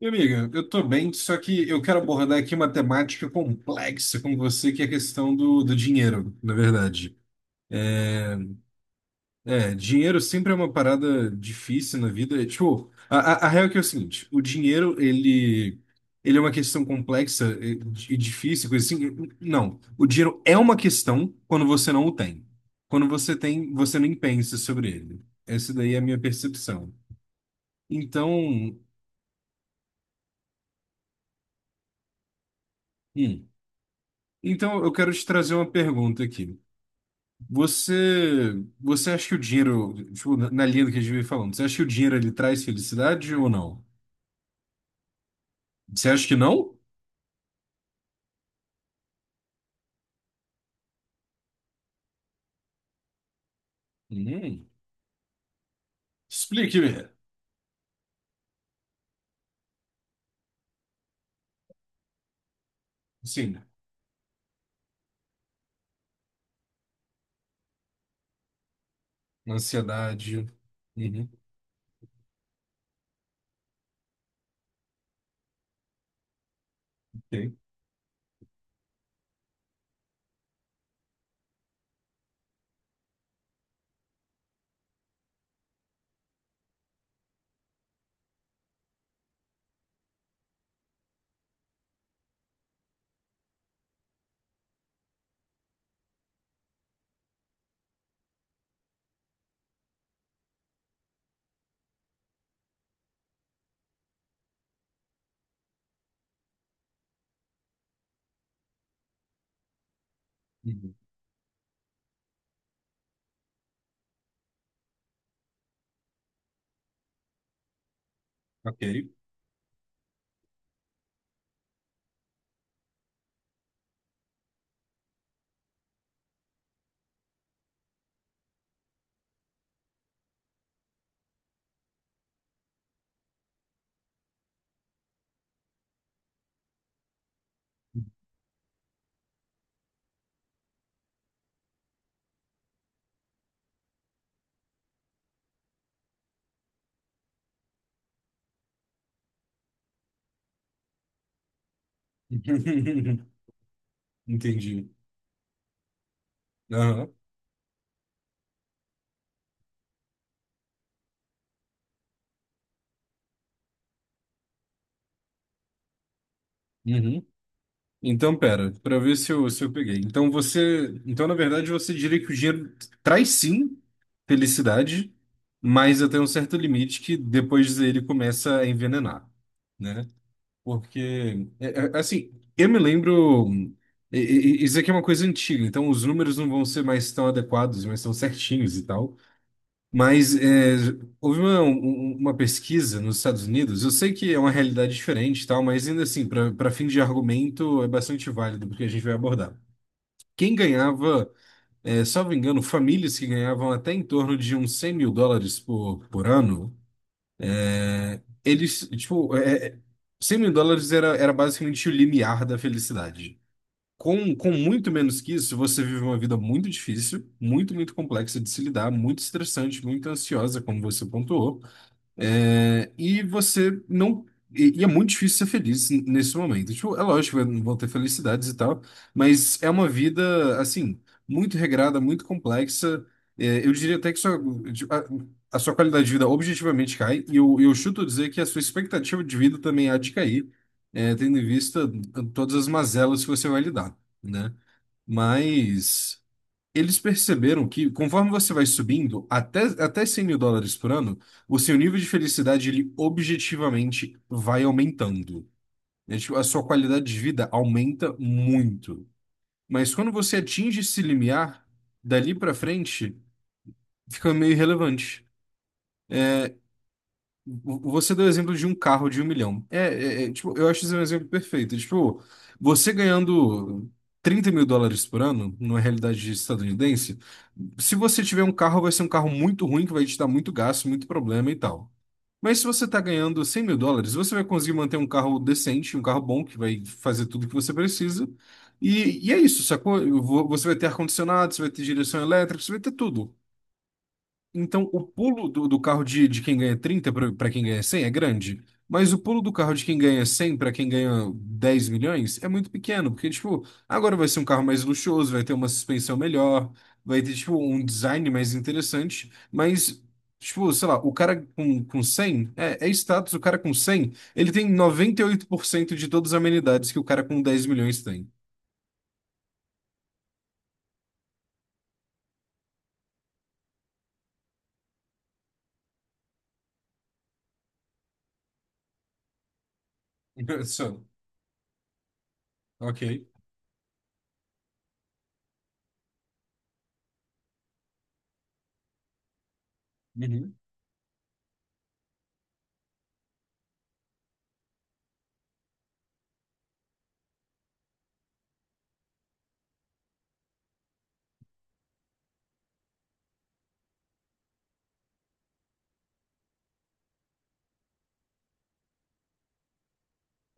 Minha amiga, eu tô bem, só que eu quero abordar aqui uma temática complexa com você, que é a questão do dinheiro, na verdade. É, dinheiro sempre é uma parada difícil na vida. É, tipo, a real é que é o seguinte. O dinheiro, ele é uma questão complexa e difícil, coisa assim. Não, o dinheiro é uma questão quando você não o tem. Quando você tem, você nem pensa sobre ele. Essa daí é a minha percepção. Então, hum. Então, eu quero te trazer uma pergunta aqui. Você, você acha que o dinheiro, tipo, na linha do que a gente vem falando, você acha que o dinheiro ele traz felicidade ou não? Você acha que não? Hum. Explique. Sim, ansiedade. Uhum. Ok. Uhum. Ok. Entendi. Aham. Uhum. Então, pera, para ver se eu peguei. Então na verdade você diria que o dinheiro traz sim felicidade, mas até um certo limite que depois ele começa a envenenar, né? Porque, é assim, eu me lembro. e- Isso aqui é uma coisa antiga, então os números não vão ser mais tão adequados, mas tão certinhos e tal. Mas é, houve uma pesquisa nos Estados Unidos. Eu sei que é uma realidade diferente e tal, mas ainda assim, para fim de argumento, é bastante válido porque a gente vai abordar. Quem ganhava, é, salvo engano, famílias que ganhavam até em torno de uns 100 mil dólares por ano. Eles, tipo, é, 100 mil dólares era basicamente o limiar da felicidade. Com muito menos que isso, você vive uma vida muito difícil, muito, muito complexa de se lidar, muito estressante, muito ansiosa, como você pontuou. É, e você não. E é muito difícil ser feliz nesse momento. Tipo, é lógico, vão ter felicidades e tal, mas é uma vida, assim, muito regrada, muito complexa. É, eu diria até que sua, tipo, a sua qualidade de vida objetivamente cai, e eu chuto dizer que a sua expectativa de vida também há de cair, é, tendo em vista todas as mazelas que você vai lidar, né? Mas. Eles perceberam que, conforme você vai subindo até 100 mil dólares por ano, o seu nível de felicidade, ele objetivamente vai aumentando. É, tipo, a sua qualidade de vida aumenta muito. Mas quando você atinge esse limiar, dali pra frente, fica meio irrelevante. Você deu o exemplo de um carro de um milhão. É, tipo, eu acho isso um exemplo perfeito. Tipo, você ganhando 30 mil dólares por ano, numa realidade estadunidense. Se você tiver um carro, vai ser um carro muito ruim, que vai te dar muito gasto, muito problema e tal. Mas se você está ganhando 100 mil dólares, você vai conseguir manter um carro decente, um carro bom, que vai fazer tudo que você precisa. E é isso, sacou? Você vai ter ar-condicionado, você vai ter direção elétrica, você vai ter tudo. Então, o pulo do carro de quem ganha 30 para quem ganha 100 é grande, mas o pulo do carro de quem ganha 100 para quem ganha 10 milhões é muito pequeno, porque, tipo, agora vai ser um carro mais luxuoso, vai ter uma suspensão melhor, vai ter, tipo, um design mais interessante, mas, tipo, sei lá, o cara com 100 é status. O cara com 100 ele tem 98% de todas as amenidades que o cara com 10 milhões tem. Só, ok.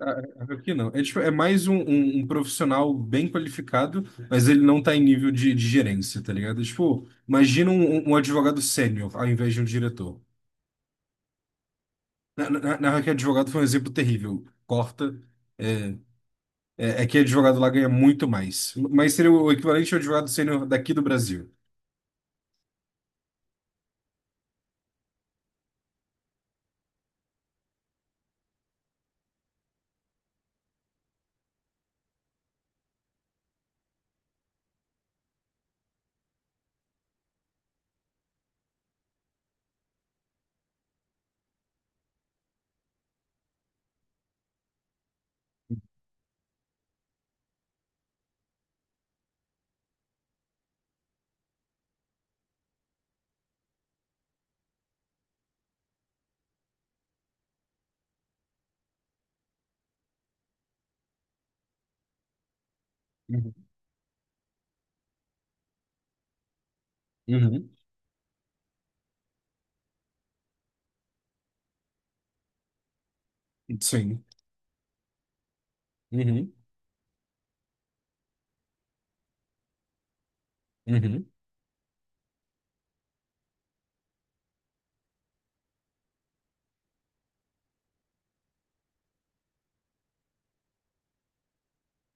Ah, aqui não. É, tipo, é mais um profissional bem qualificado, mas ele não tá em nível de gerência, tá ligado? Tipo, imagina um advogado sênior ao invés de um diretor. Na real que é advogado foi um exemplo terrível. Corta. É, É que advogado lá ganha muito mais. Mas seria o equivalente ao advogado sênior daqui do Brasil. Uhum. Uhum. Sim. Uhum. Uhum.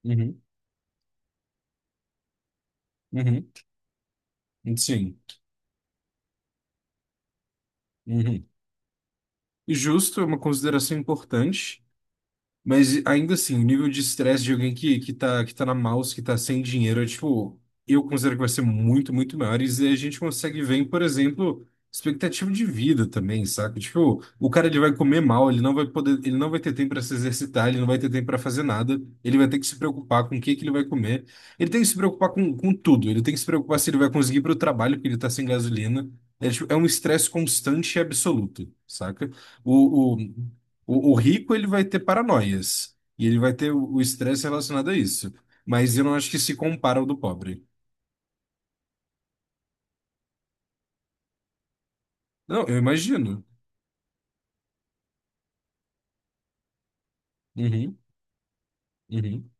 Uhum. Uhum. Sim. Uhum. E justo é uma consideração importante. Mas ainda assim, o nível de estresse de alguém que tá na mouse, que tá sem dinheiro, é, tipo, eu considero que vai ser muito, muito maior. E a gente consegue ver, em, por exemplo, expectativa de vida também, saca? Tipo, o cara ele vai comer mal, ele não vai poder, ele não vai ter tempo para se exercitar, ele não vai ter tempo para fazer nada, ele vai ter que se preocupar com o que que ele vai comer. Ele tem que se preocupar com tudo, ele tem que se preocupar se ele vai conseguir ir pro trabalho, porque ele tá sem gasolina. É, tipo, é um estresse constante e absoluto, saca? O, o- o rico ele vai ter paranoias e ele vai ter o estresse relacionado a isso. Mas eu não acho que se compara ao do pobre. Não, eu imagino. Uhum, uhum,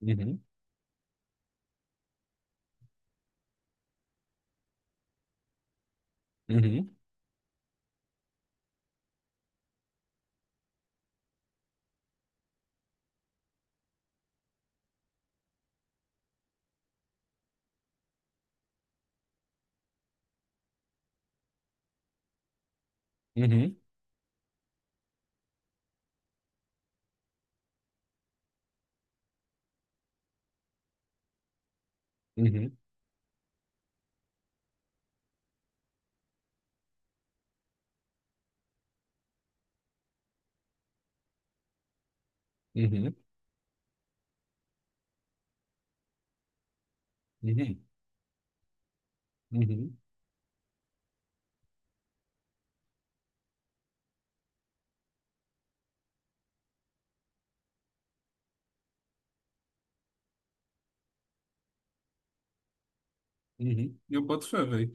uhum, uhum, uhum, uhum, uhum, uhum, uhum, uhum. Eu boto fé, velho.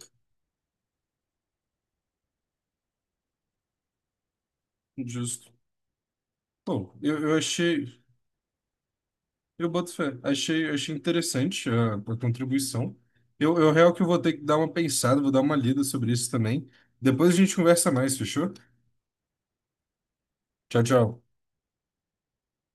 Justo. Bom, eu achei. Eu boto fé. Achei interessante a contribuição. Eu real que eu vou ter que dar uma pensada, vou dar uma lida sobre isso também. Depois a gente conversa mais, fechou? Tchau, tchau.